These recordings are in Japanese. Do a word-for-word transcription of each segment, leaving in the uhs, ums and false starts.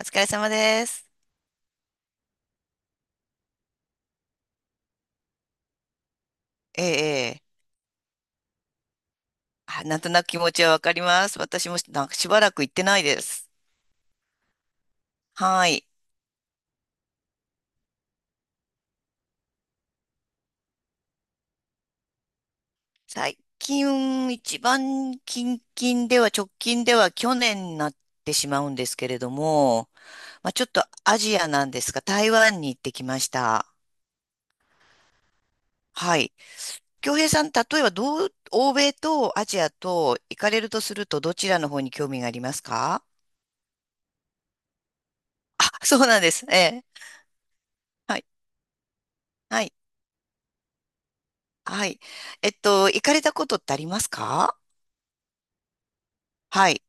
お疲れ様です。ええ、ええあ、なんとなく気持ちはわかります。私もなんかしばらく行ってないです。はい。最近、一番近々では、直近では去年になってしまうんですけれども、まあ、ちょっとアジアなんですが、台湾に行ってきました。はい。京平さん、例えばどう、欧米とアジアと行かれるとすると、どちらの方に興味がありますか？あ、そうなんです。ええ。はい。はい。はい。えっと、行かれたことってありますか？はい。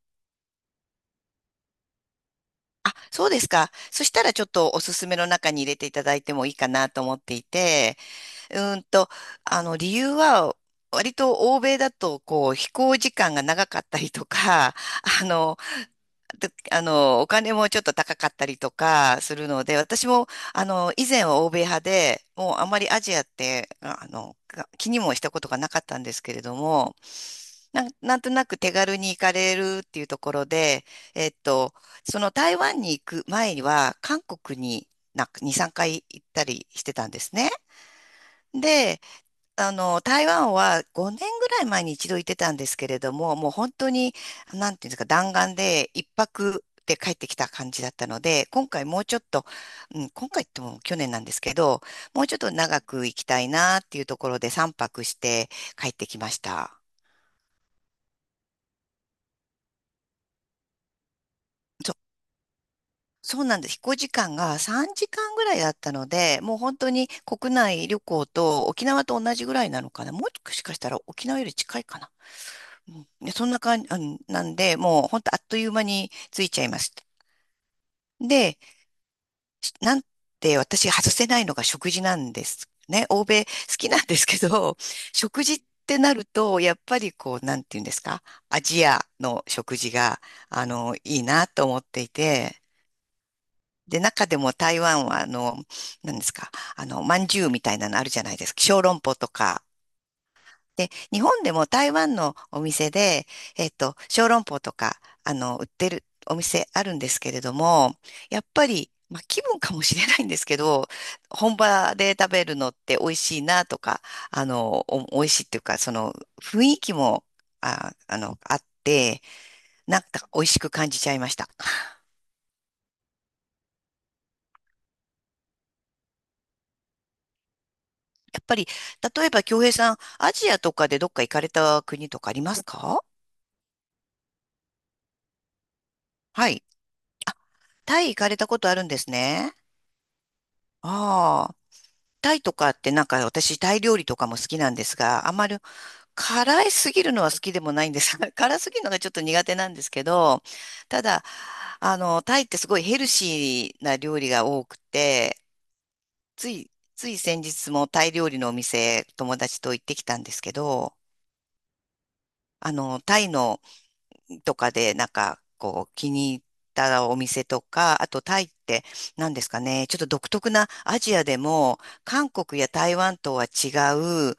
あ、そうですか。そしたらちょっとおすすめの中に入れていただいてもいいかなと思っていて、うーんと、あの、理由は、割と欧米だと、こう、飛行時間が長かったりとか、あの、で、あの、お金もちょっと高かったりとかするので、私も、あの、以前は欧米派で、もうあまりアジアって、あの、が気にもしたことがなかったんですけれども、なん、なんとなく手軽に行かれるっていうところで、えっと、その台湾に行く前には、韓国になんかに、さんかい行ったりしてたんですね。で、あの、台湾はごねんぐらい前にいちど行ってたんですけれども、もう本当に、なんていうんですか、弾丸でいっぱくで帰ってきた感じだったので、今回もうちょっと、うん、今回っても去年なんですけど、もうちょっと長く行きたいなっていうところでさんぱくして帰ってきました。そうなんです。飛行時間がさんじかんぐらいだったので、もう本当に国内旅行と沖縄と同じぐらいなのかな。もしかしたら沖縄より近いかな。うんで、そんな感じ、うん、なんで、もう本当あっという間についちゃいました。で、しなんて私外せないのが食事なんですね。欧米好きなんですけど、食事ってなると、やっぱりこう、なんていうんですか、アジアの食事が、あの、いいなと思っていて、で、中でも台湾は、あの、なんですか、あの、まんじゅうみたいなのあるじゃないですか。小籠包とか、で、日本でも台湾のお店で、えっと、小籠包とか、あの、売ってるお店あるんですけれども、やっぱり、まあ、気分かもしれないんですけど、本場で食べるのって美味しいなとか、あの、お、美味しいっていうか、その、雰囲気も、あ、あの、あって、なんか美味しく感じちゃいました。やっぱり、例えば、京平さん、アジアとかでどっか行かれた国とかありますか？はい。タイ行かれたことあるんですね。ああ。タイとかってなんか私タイ料理とかも好きなんですが、あまり辛いすぎるのは好きでもないんです。辛すぎるのがちょっと苦手なんですけど、ただ、あの、タイってすごいヘルシーな料理が多くて、つい、つい先日もタイ料理のお店友達と行ってきたんですけど、あの、タイのとかで、なんか、こう、気に入ったお店とか、あとタイって、何ですかね、ちょっと独特なアジアでも、韓国や台湾とは違う、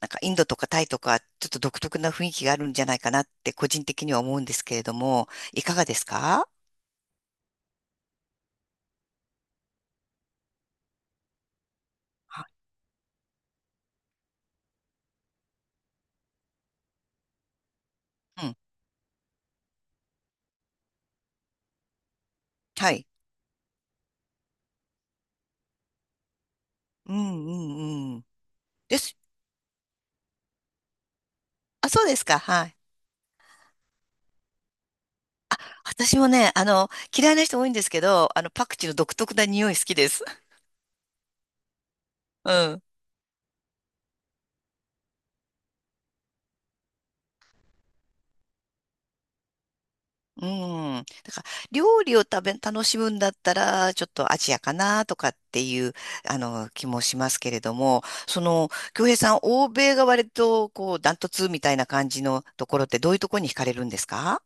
なんかインドとかタイとか、ちょっと独特な雰囲気があるんじゃないかなって、個人的には思うんですけれども、いかがですか？はうん。はい。うんうんうん。です。あ、そうですか。はい。私もね、あの、嫌いな人多いんですけど、あの、パクチーの独特な匂い好きです。うん。うん。だから、料理を食べ、楽しむんだったら、ちょっとアジアかなとかっていう、あの、気もしますけれども、その、京平さん、欧米が割と、こう、ダントツみたいな感じのところって、どういうところに惹かれるんですか？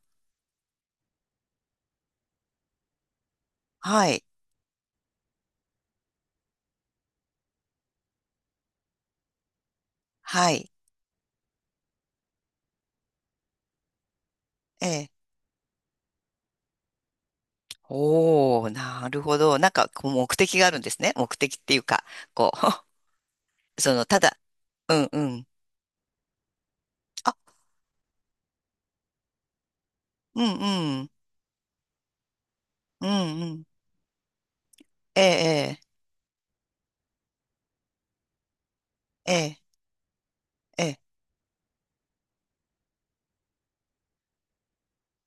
はい。はい。ええ。おー、なるほど。なんか、こう、目的があるんですね。目的っていうか、こう、その、ただ、うんうん。あ、うんうん。うんうん。ええ、ええ、ええ。ええ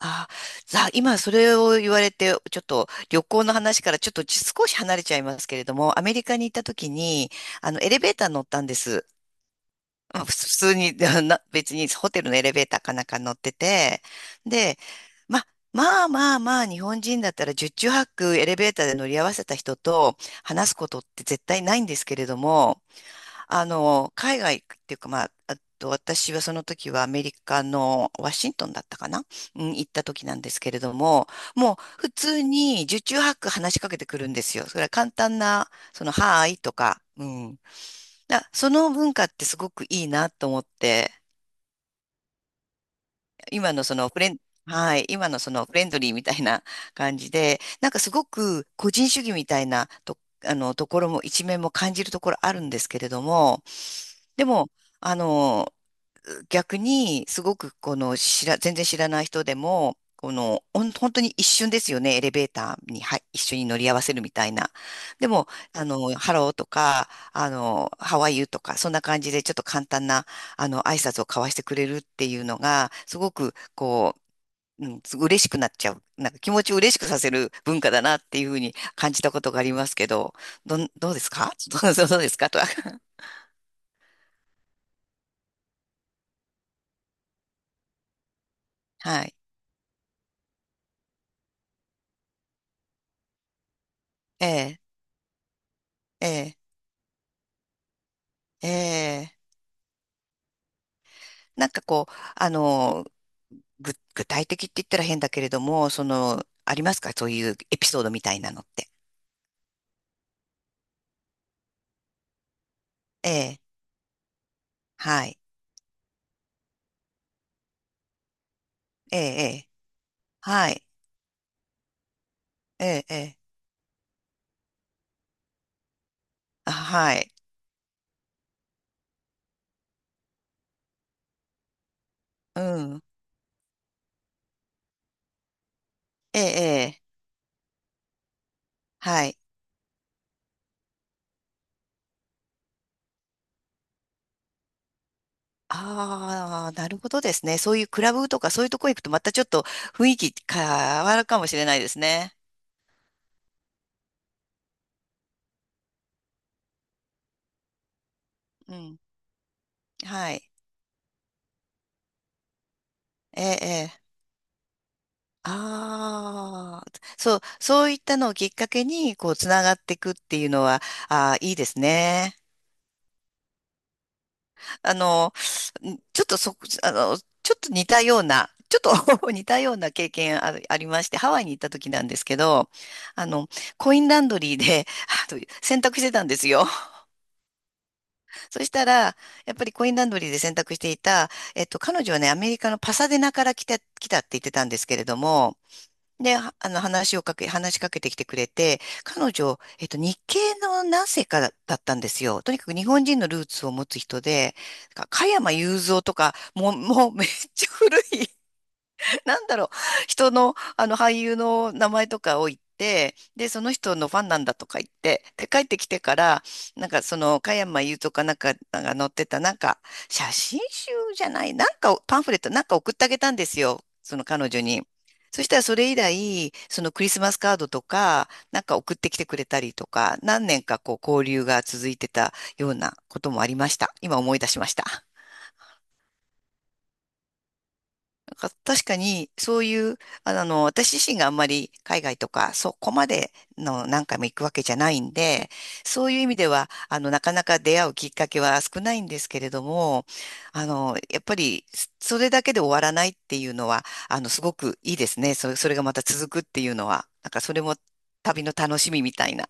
あ、さあ、今それを言われて、ちょっと旅行の話からちょっと少し離れちゃいますけれども、アメリカに行った時に、あの、エレベーター乗ったんです。まあ普通に、な別にホテルのエレベーターかなんか乗ってて、で、ま、まあまあまあ、日本人だったらじっちゅうはっくエレベーターで乗り合わせた人と話すことって絶対ないんですけれども、あの、海外っていうか、まあ、あと私はその時はアメリカのワシントンだったかな、うん、行った時なんですけれども、もう普通に受注ハック話しかけてくるんですよ。それは簡単な、その、はーいとか、うん。だ、その文化ってすごくいいなと思って、今のそのフレン、はい、今のそのフレンドリーみたいな感じで、なんかすごく個人主義みたいなと、あの、ところもいちめんも感じるところあるんですけれども、でも、あの、逆に、すごくこの知ら、全然知らない人でも、この、ほん本当にいっしゅんですよね、エレベーターに、はい、いっしょに乗り合わせるみたいな。でも、あの、ハローとか、あの、ハワイ y とか、そんな感じでちょっと簡単な、あの、挨拶を交わしてくれるっていうのが、すごく、こう、うん、す嬉しくなっちゃう。なんか気持ちを嬉しくさせる文化だなっていうふうに感じたことがありますけど、どん、どうですか？ どうですかとは。はい。ええ、ええ、ええ。なんかこう、あの、ぐ、具体的って言ったら変だけれども、その、ありますかそういうエピソードみたいなのって。ええ、はい。ええ、ええはい。ええ、ええあ、はい。うん。ええ、ええはい。ああ、なるほどですね。そういうクラブとかそういうとこ行くとまたちょっと雰囲気変わるかもしれないですね。うん。はい。ええ、ええああ、そう、そういったのをきっかけに、こう、つながっていくっていうのは、ああ、いいですね。あの、ちょっとそ、あの、ちょっと似たような、ちょっと 似たような経験ある、ありまして、ハワイに行った時なんですけど、あの、コインランドリーで、あの、洗濯してたんですよ。そしたら、やっぱりコインランドリーで洗濯していた、えっと、彼女はね、アメリカのパサデナから来た、来たって言ってたんですけれども、で、はあの、話をかけ、話しかけてきてくれて、彼女、えっと、日系のなんせいかだだったんですよ。とにかく日本人のルーツを持つ人で、なんか加山雄三とか、もう、もうめっちゃ古い なんだろう、人の、あの俳優の名前とかを言って、で、その人のファンなんだとか言って、で、帰ってきてから、なんかその、加山雄とかなんかが載ってた、なんか、写真集じゃない、なんかパンフレットなんか送ってあげたんですよ、その彼女に。そしたらそれ以来、そのクリスマスカードとか、なんか送ってきてくれたりとか、なんねんかこう交流が続いてたようなこともありました。今思い出しました。なんか確かに、そういう、ああの、私自身があんまり海外とか、そこまでのなんかいも行くわけじゃないんで、そういう意味では、あの、なかなか出会うきっかけは少ないんですけれども、あの、やっぱり、そそれだけで終わらないっていうのは、あの、すごくいいですね。それ、それがまた続くっていうのは、なんかそれも旅の楽しみみたいな。